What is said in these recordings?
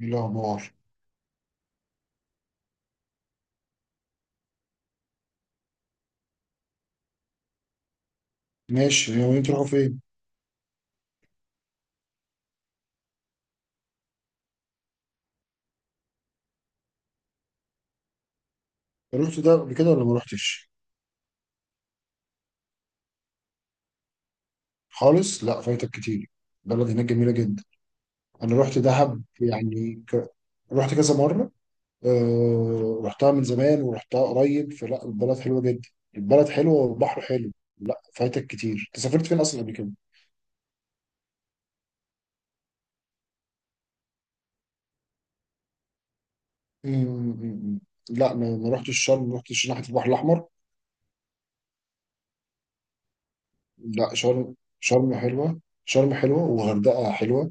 إيه الأخبار. ماشي يومين، تروحوا فين؟ رحت ده قبل كده ولا ما رحتش؟ خالص؟ لا فايتك كتير. بلد هناك جميلة جدا. أنا رحت دهب يعني رحت كذا مرة. رحتها من زمان ورحتها قريب، فلا البلد حلوة جدا. البلد حلوة والبحر حلو. لا فايتك كتير، أنت سافرت فين أصلا قبل كده؟ أمم. لا، ما رحتش شرم، ما رحتش ناحية البحر الأحمر. لا شرم، شرم حلوة، شرم حلوة وغردقة حلوة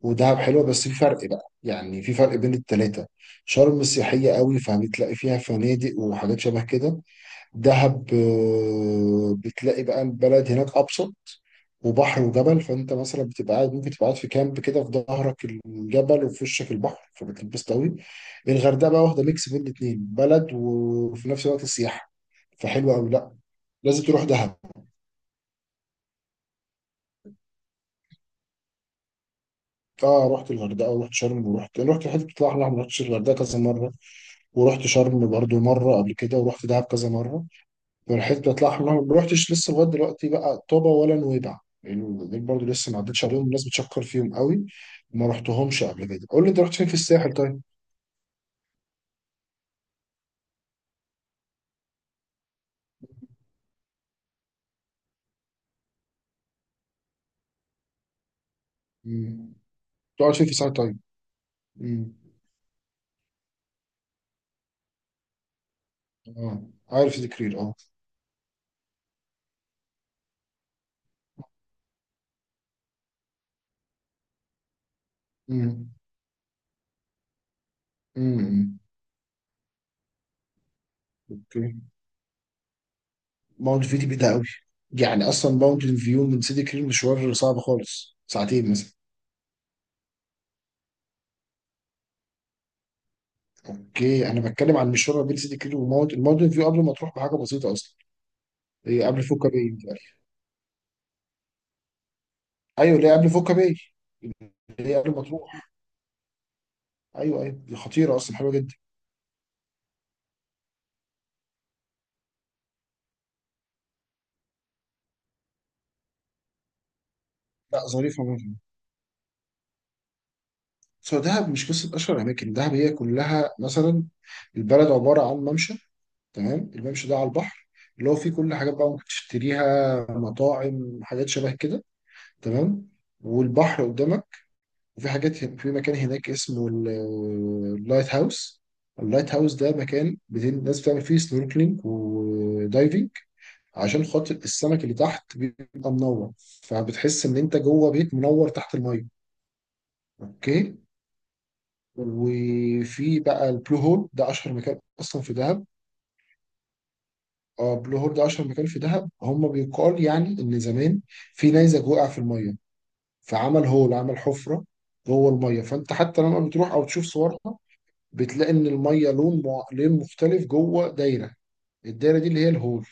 ودهب حلوه، بس في فرق بقى، يعني في فرق بين التلاته. شرم سياحيه قوي، فبتلاقي فيها فنادق وحاجات شبه كده. دهب بتلاقي بقى البلد هناك ابسط، وبحر وجبل، فانت مثلا بتبقى قاعد، ممكن تبقى قاعد في كامب كده، في ظهرك الجبل وفي وشك البحر، فبتلبس قوي. الغردقه بقى واخده ميكس بين الاتنين، بلد وفي نفس الوقت سياحه، فحلوه قوي. لا، لازم تروح دهب. اه رحت الغردقه ورحت شرم ورحت الحته بتطلع احلى، ما رحتش الغردقه كذا مره، ورحت شرم برضو مرة قبل كده، ورحت دهب كذا مرة. فالحتة بتاعت الأحمر ما رحتش لسه لغاية دلوقتي بقى، طابة ولا نويبع يعني، دول برضو لسه ما عدتش عليهم، الناس بتشكر فيهم قوي. ما رحتهمش قبل كده. قول لي، أنت رحت فين في الساحل طيب؟ مم. تقعد فين في الساحل طيب؟ مم. اه، عارف ذكرير اه. مم. مم. اوكي. ماونت فيو دي بعيدة قوي، يعني أصلا ماونت فيو من سيدي كرير مشوار صعب خالص، ساعتين مثلا. اوكي، انا بتكلم عن المشوار ما بين سيدي كرير وماونت الماونت فيو قبل ما تروح بحاجه بسيطه اصلا. هي قبل فوكا باي متهيألي. ايوه اللي هي قبل فوكا باي، اللي هي قبل ما تروح. ايوه ايوه، دي خطيره اصلا، حلوه جدا. لا ظريفه ممكن. سو دهب مش قصه اشهر اماكن، دهب هي كلها مثلا. البلد عباره عن ممشى، تمام، الممشى ده على البحر، اللي هو فيه كل حاجات بقى ممكن تشتريها، مطاعم، حاجات شبه كده، تمام، والبحر قدامك. وفي حاجات في مكان هناك اسمه اللايت هاوس. اللايت هاوس ده مكان الناس بتعمل فيه سنوركلينج ودايفنج، عشان خاطر السمك اللي تحت بيبقى منور، فبتحس ان انت جوه بيت منور تحت الميه. اوكي. وفي بقى البلو هول ده، اشهر مكان اصلا في دهب. اه بلو هول ده اشهر مكان في دهب. هم بيقال يعني ان زمان في نيزك وقع في الميه، فعمل هول، عمل حفره جوه الميه، فانت حتى لما بتروح او تشوف صورها بتلاقي ان الميه لون لون مختلف جوه دايره، الدايره دي اللي هي الهول.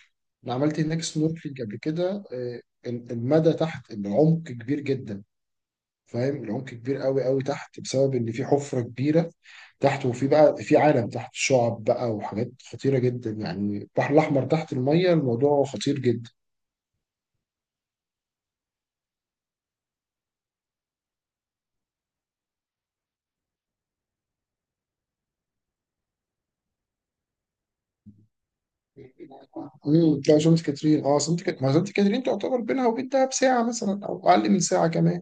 انا عملت هناك سنوركلينج قبل كده، المدى تحت العمق كبير جدا. فاهم، العمق كبير قوي قوي تحت، بسبب ان في حفره كبيره تحت، وفي بقى في عالم تحت، شعب بقى وحاجات خطيره جدا، يعني البحر الاحمر تحت الميه الموضوع خطير جدا. امم. لا سانت كاترين اه، سانت كاترين، ما سانت كاترين تعتبر بينها وبين دهب ساعه مثلا او اقل من ساعه كمان.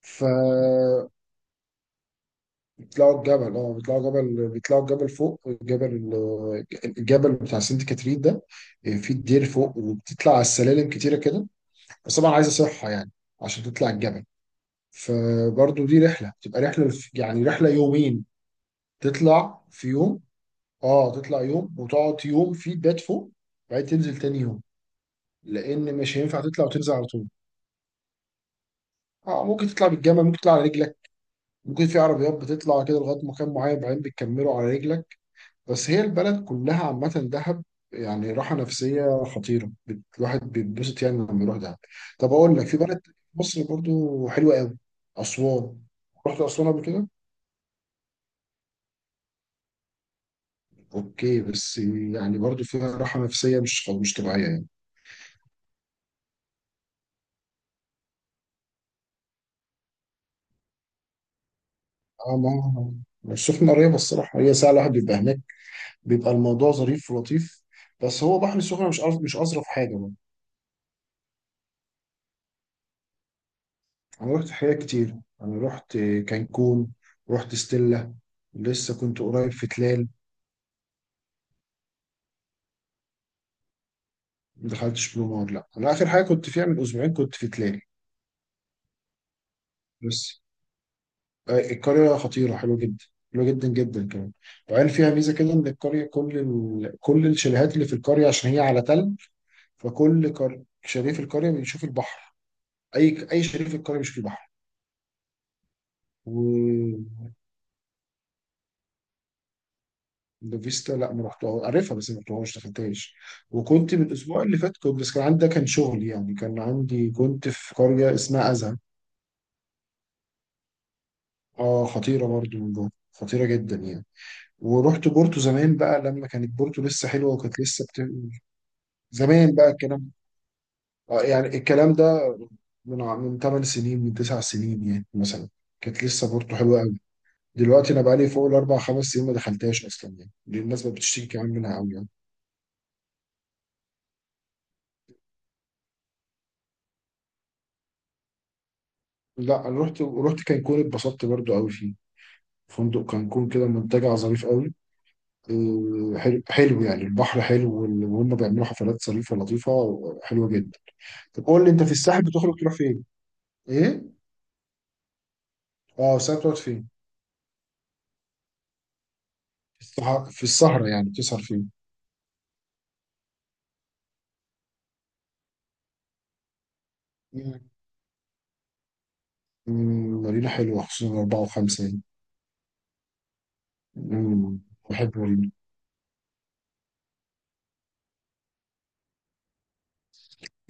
ف بيطلعوا الجبل، اه بيطلعوا جبل، بيطلعوا الجبل فوق الجبل، الجبل بتاع سانت كاترين ده، في الدير فوق، وبتطلع على السلالم كتيره كده، بس طبعا عايزه صحه يعني عشان تطلع الجبل، فبرضه دي رحله، يعني رحله يومين، تطلع في يوم، اه تطلع يوم وتقعد يوم فيه، تبات فوق، بعدين تنزل تاني يوم، لان مش هينفع تطلع وتنزل على طول. اه ممكن تطلع بالجمل، ممكن تطلع على رجلك، ممكن في عربيات بتطلع كده لغايه مكان معين بعدين بتكمله على رجلك. بس هي البلد كلها عامه دهب، يعني راحه نفسيه خطيره، الواحد بيتبسط يعني لما يروح دهب. طب اقول لك، في بلد في مصر برضو حلوه قوي، اسوان. رحت اسوان قبل كده؟ اوكي بس، يعني برضو فيها راحه نفسيه مش مش طبيعيه يعني. اه، ما السخنه قريبه الصراحه، هي ساعه الواحد بيبقى هناك، بيبقى الموضوع ظريف ولطيف، بس هو بحر السخنه مش مش اظرف حاجه بقى. انا رحت حاجات كتير، انا رحت كانكون، رحت ستيلا، لسه كنت قريب في تلال. ما دخلتش بلو مار، لا انا اخر حاجه كنت فيها من اسبوعين كنت في تلال. بس القريه خطيره، حلوه جدا، حلوه جدا جدا كمان. وقال فيها ميزه كده، ان القريه، كل كل الشاليهات اللي في القريه عشان هي على تل، شريف القرية بيشوف البحر، أي أي شريف القرية بيشوف البحر. ودافيستا لا ما رحتها، عارفها بس ما رحتهاش، دخلتهاش. وكنت من الأسبوع اللي فات كنت، بس كان عندي ده كان شغل يعني، كان عندي كنت في قرية اسمها أزهى. اه خطيرة برضو، من جوه خطيرة جدا يعني. ورحت بورتو زمان بقى لما كانت بورتو لسه حلوة، وكانت لسه زمان بقى الكلام. آه، يعني الكلام ده من من 8 سنين، من 9 سنين يعني مثلا، كانت لسه بورتو حلوة. دلوقتي انا بقالي فوق الاربع خمس سنين ما دخلتهاش اصلا يعني، دي الناس ما بتشتكي كمان منها قوي يعني. لا انا رحت كانكون، اتبسطت برضو قوي فيه. فندق كانكون كده منتجع ظريف قوي، حلو حلو، يعني البحر حلو وهم بيعملوا حفلات ظريفه لطيفه، حلوه جدا. طب قول لي، انت في الساحل بتخرج تروح فين؟ ايه؟ اه الساحل بتقعد فين؟ في في السهره، يعني بتسهر فين؟ مم. مم، مارينا حلوه خصوصا اربعه وخمسه يعني. مم، بحب مارينا.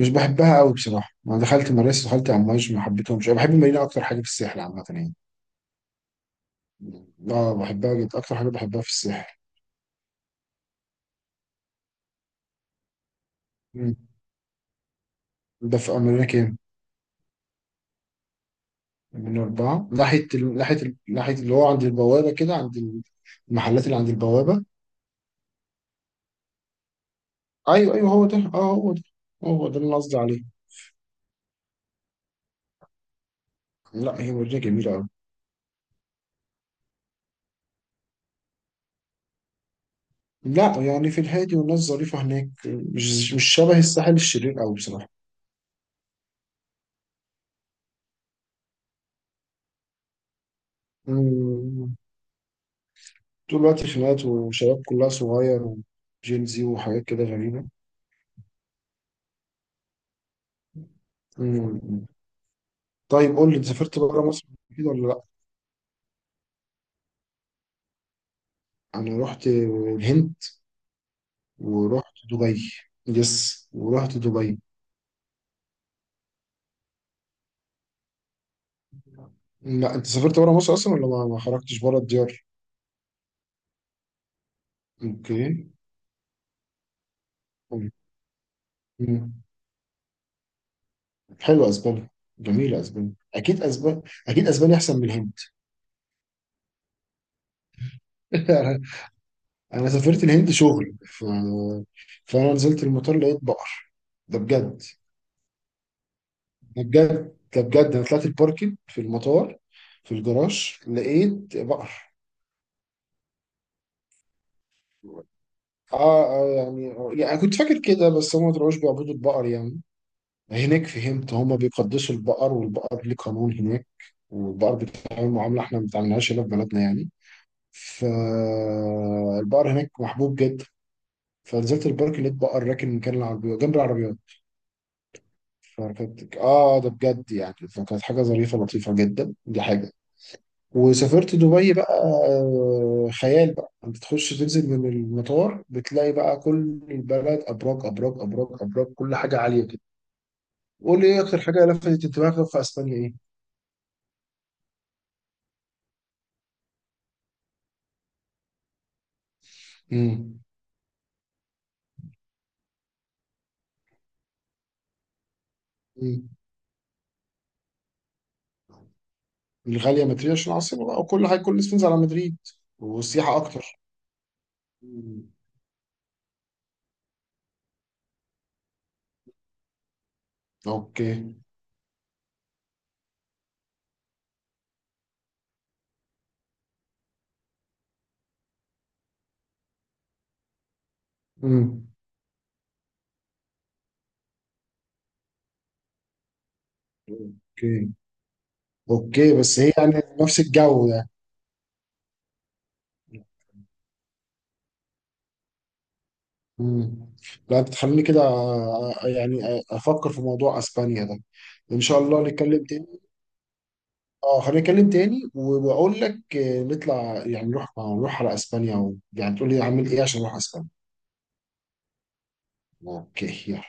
مش بحبها قوي بصراحه، انا دخلت مراسي، دخلت امواج ما حبيتهمش، انا بحب المارينا اكتر حاجه في الساحل عامه يعني. اه بحبها جدا، اكتر حاجه بحبها في الساحل. مم. ده في امريكا كام؟ من اربعه ناحيه ناحيه ناحيه اللي هو عند البوابه كده، عند المحلات اللي عند البوابه. ايوه ايوه هو ده، اه هو ده. هو ده اللي انا قصدي عليه. لا هي مدينه جميله قوي. لا يعني في الهادي، والناس ظريفه هناك، مش مش شبه الساحل الشرير قوي بصراحه. مم. طول الوقت خناقات، وشباب كلها صغير، وجين زي وحاجات كده غريبة. مم. طيب قول لي، انت سافرت بره مصر كده ولا لا؟ انا رحت الهند، ورحت دبي، يس ورحت دبي. لا انت سافرت بره مصر اصلا ولا ما خرجتش بره الديار؟ اوكي. مم. حلوه اسبانيا، جميله اسبانيا، اكيد اسبانيا، اكيد اسبانيا احسن من الهند. انا سافرت الهند شغل، فانا نزلت المطار لقيت بقر، ده بجد، ده بجد، ده بجد. انا طلعت الباركينج في المطار، في الجراج لقيت بقر. اه آه، يعني يعني كنت فاكر كده، بس هم ما طلعوش بيعبدوا البقر يعني، هناك فهمت هم بيقدسوا البقر، والبقر ليه قانون هناك، والبقر بيتعامل معاملة احنا ما بنتعاملهاش هنا في بلدنا يعني. فالبقر هناك محبوب جدا. فنزلت البارك لقيت بقر راكن مكان العربية جنب العربيات. فكانت، اه ده بجد يعني، فكانت حاجة ظريفة لطيفة جدا، دي حاجة. وسافرت دبي بقى، خيال بقى، بتخش تنزل من المطار بتلاقي بقى كل البلد ابراج ابراج ابراج ابراج، كل حاجه عاليه كده. قول لي ايه اكتر حاجه لفتت انتباهك في اسبانيا، ايه؟ امم. امم، الغاليه مدريد عشان العاصمه بقى، وكل حاجه كل الناس بتنزل على مدريد، والسياحه اكتر. مم. اوكي. امم. اوكي. اوكي بس هي يعني نفس الجو يعني. مم. لا بتخليني كده افكر في موضوع اسبانيا ده. ان شاء الله نتكلم تاني. اه خلينا نتكلم تاني، وبقول لك نطلع يعني نروح على اسبانيا يعني تقول لي اعمل ايه عشان اروح اسبانيا. اوكي يلا.